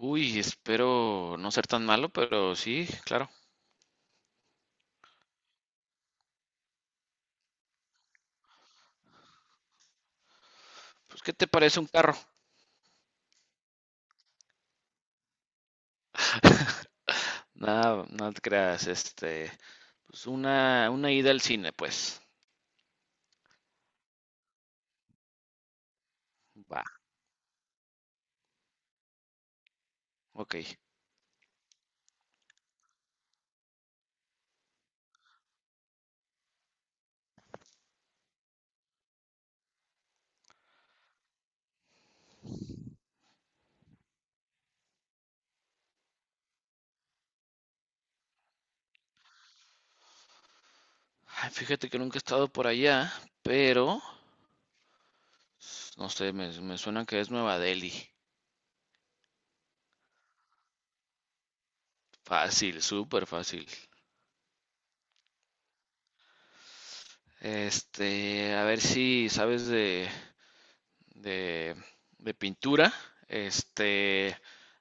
Uy, espero no ser tan malo, pero sí, claro. Pues, ¿qué te parece un carro? Nada, no te creas, pues una ida al cine, pues. Va, ok. Ay, fíjate que nunca he estado por allá, pero, no sé, me suena que es Nueva Delhi. Fácil, súper fácil. A ver si sabes de, de, de pintura. Este,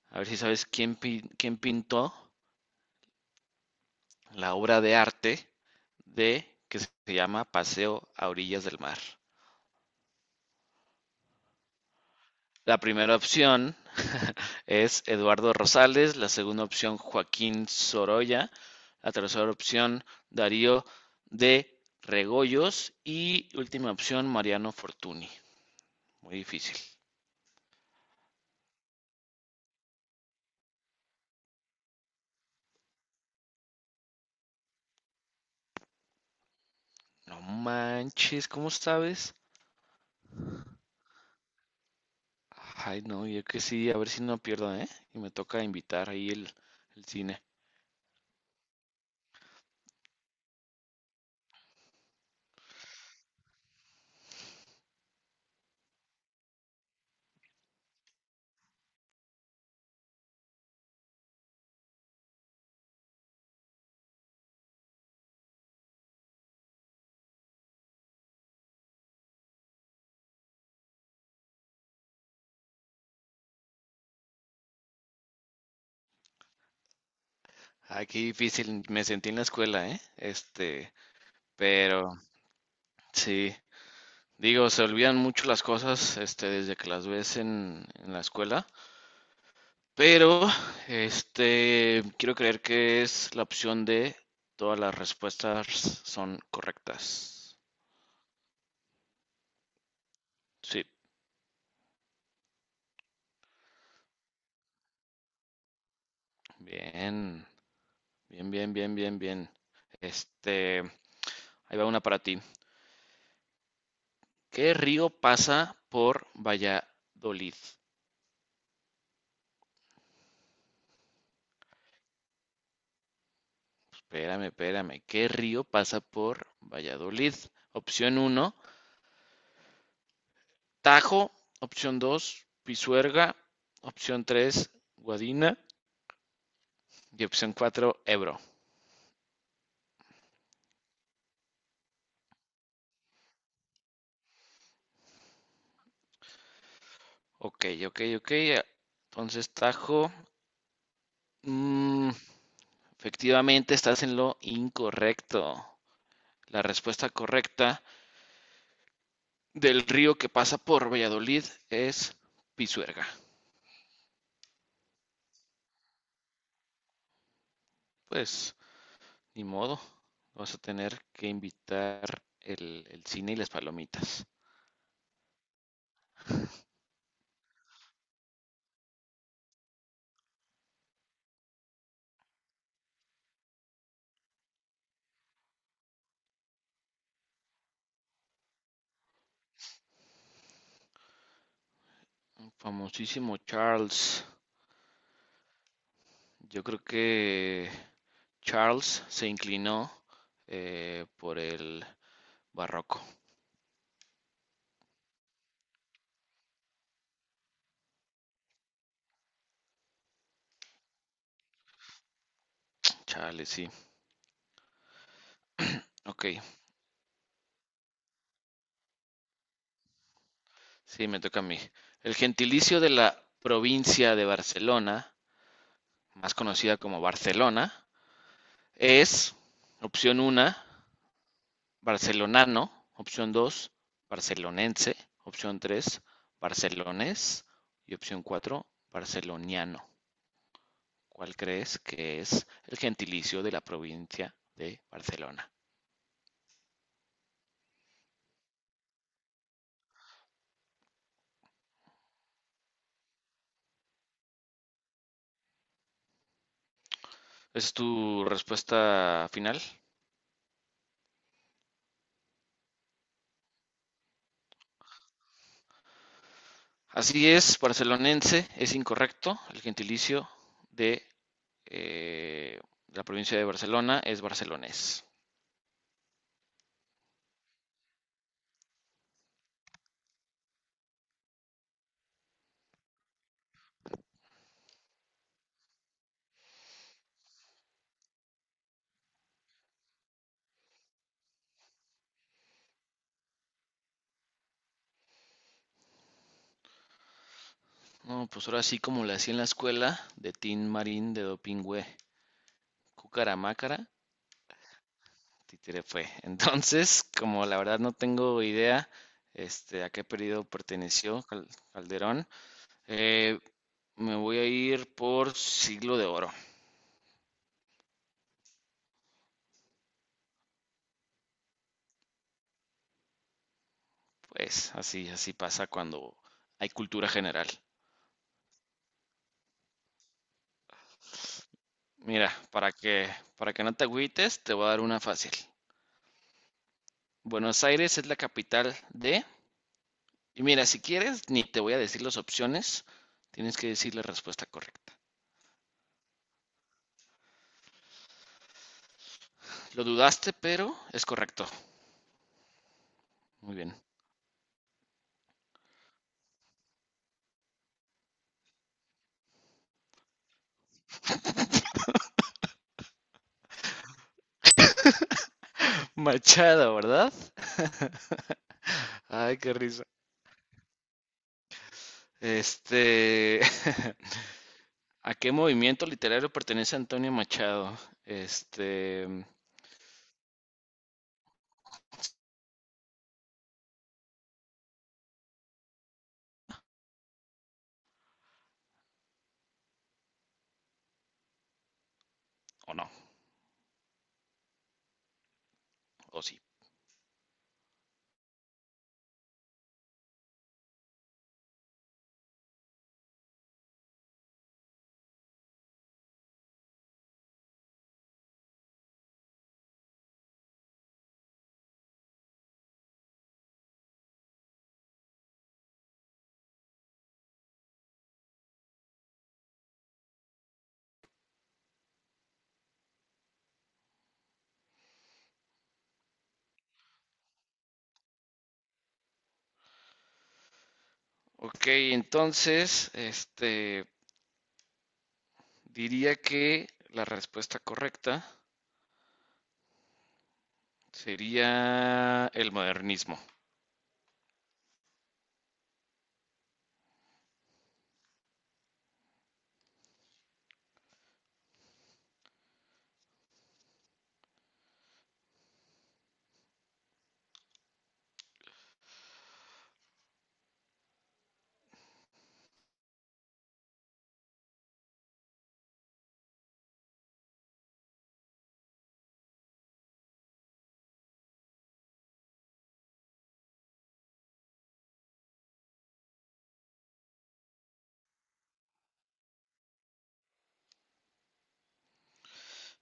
a ver si sabes quién pintó la obra de arte de que se llama Paseo a orillas del mar. La primera opción es Eduardo Rosales, la segunda opción Joaquín Sorolla, la tercera opción Darío de Regoyos y última opción Mariano Fortuny. Muy difícil. No manches, ¿cómo sabes? Ay, no, yo que sí, a ver si no pierdo, ¿eh? Y me toca invitar ahí el cine. Ay, qué difícil, me sentí en la escuela, ¿eh? Pero sí, digo, se olvidan mucho las cosas, desde que las ves en la escuela. Pero, quiero creer que es la opción de todas las respuestas son correctas. Sí, bien, bien, bien, bien, bien, bien. Este, Ahí va una para ti. ¿Qué río pasa por Valladolid? Espérame, espérame. ¿Qué río pasa por Valladolid? Opción uno Tajo, opción 2, Pisuerga, opción 3, Guadina y opción 4, Ebro. Ok, ok, ok. Entonces, Tajo, mm, efectivamente estás en lo incorrecto. La respuesta correcta del río que pasa por Valladolid es Pisuerga. Pues, ni modo, vas a tener que invitar el cine y las palomitas. Famosísimo Charles. Yo creo que Charles se inclinó por el barroco. Chale, sí. Ok, sí, me toca a mí. El gentilicio de la provincia de Barcelona, más conocida como Barcelona, es opción 1, barcelonano, opción 2, barcelonense, opción 3, barcelones y opción 4, barceloniano. ¿Cuál crees que es el gentilicio de la provincia de Barcelona? ¿Es tu respuesta final? Así es, barcelonense es incorrecto. El gentilicio de eh, la provincia de Barcelona es barcelonés. No, pues ahora sí como le hacía en la escuela de Tin Marín de Dopingüe, Cucaramácara, títere fue. Entonces, como la verdad no tengo idea a qué periodo perteneció Calderón, eh, me voy a ir por siglo de oro. Pues así, así pasa cuando hay cultura general. Mira, para que no te agüites, te voy a dar una fácil. Buenos Aires es la capital de. Y mira, si quieres, ni te voy a decir las opciones, tienes que decir la respuesta correcta. Lo dudaste, pero es correcto. Muy bien. Machado, ¿verdad? Ay, qué risa. Este, ¿a qué movimiento literario pertenece Antonio Machado? Este, o no, o sí. Ok, entonces, diría que la respuesta correcta sería el modernismo.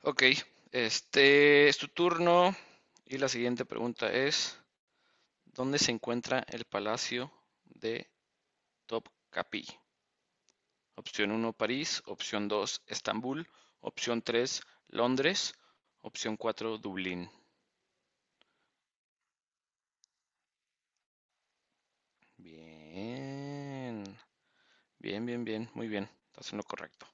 Ok, este es tu turno y la siguiente pregunta es, ¿dónde se encuentra el Palacio de Topkapi? Opción uno, París, opción 2, Estambul, opción 3, Londres, opción 4, Dublín. Bien, bien, bien, bien, muy bien, estás en lo correcto.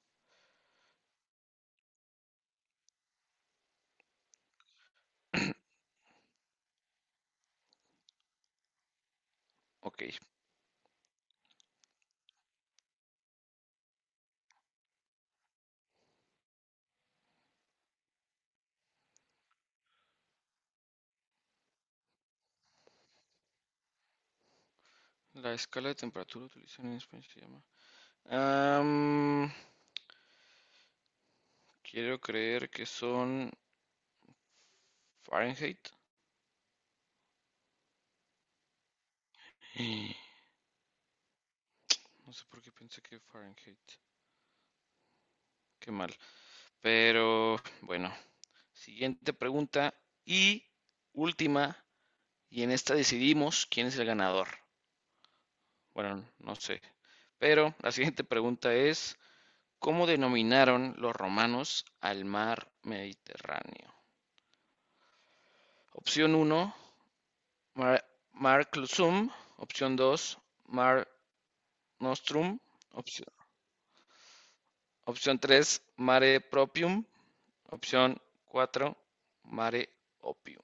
Ok, la escala de temperatura utilizada en España se llama. Am, quiero creer que son Fahrenheit. No sé por qué pensé que Fahrenheit. Qué mal. Pero bueno, siguiente pregunta y última. Y en esta decidimos quién es el ganador. Bueno, no sé. Pero la siguiente pregunta es, ¿cómo denominaron los romanos al mar Mediterráneo? Opción uno. Mar, Mare Clausum, opción 2, Mare Nostrum, opción, opción 3, Mare Propium, opción 4, Mare Opium.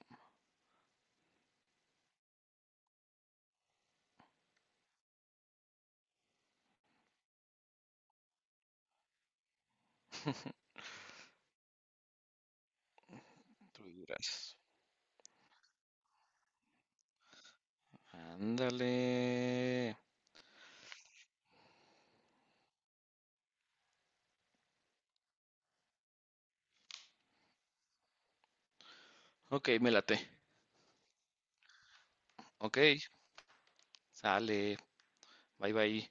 Gracias. Ándale. Ok, me late. Ok, sale. Bye bye.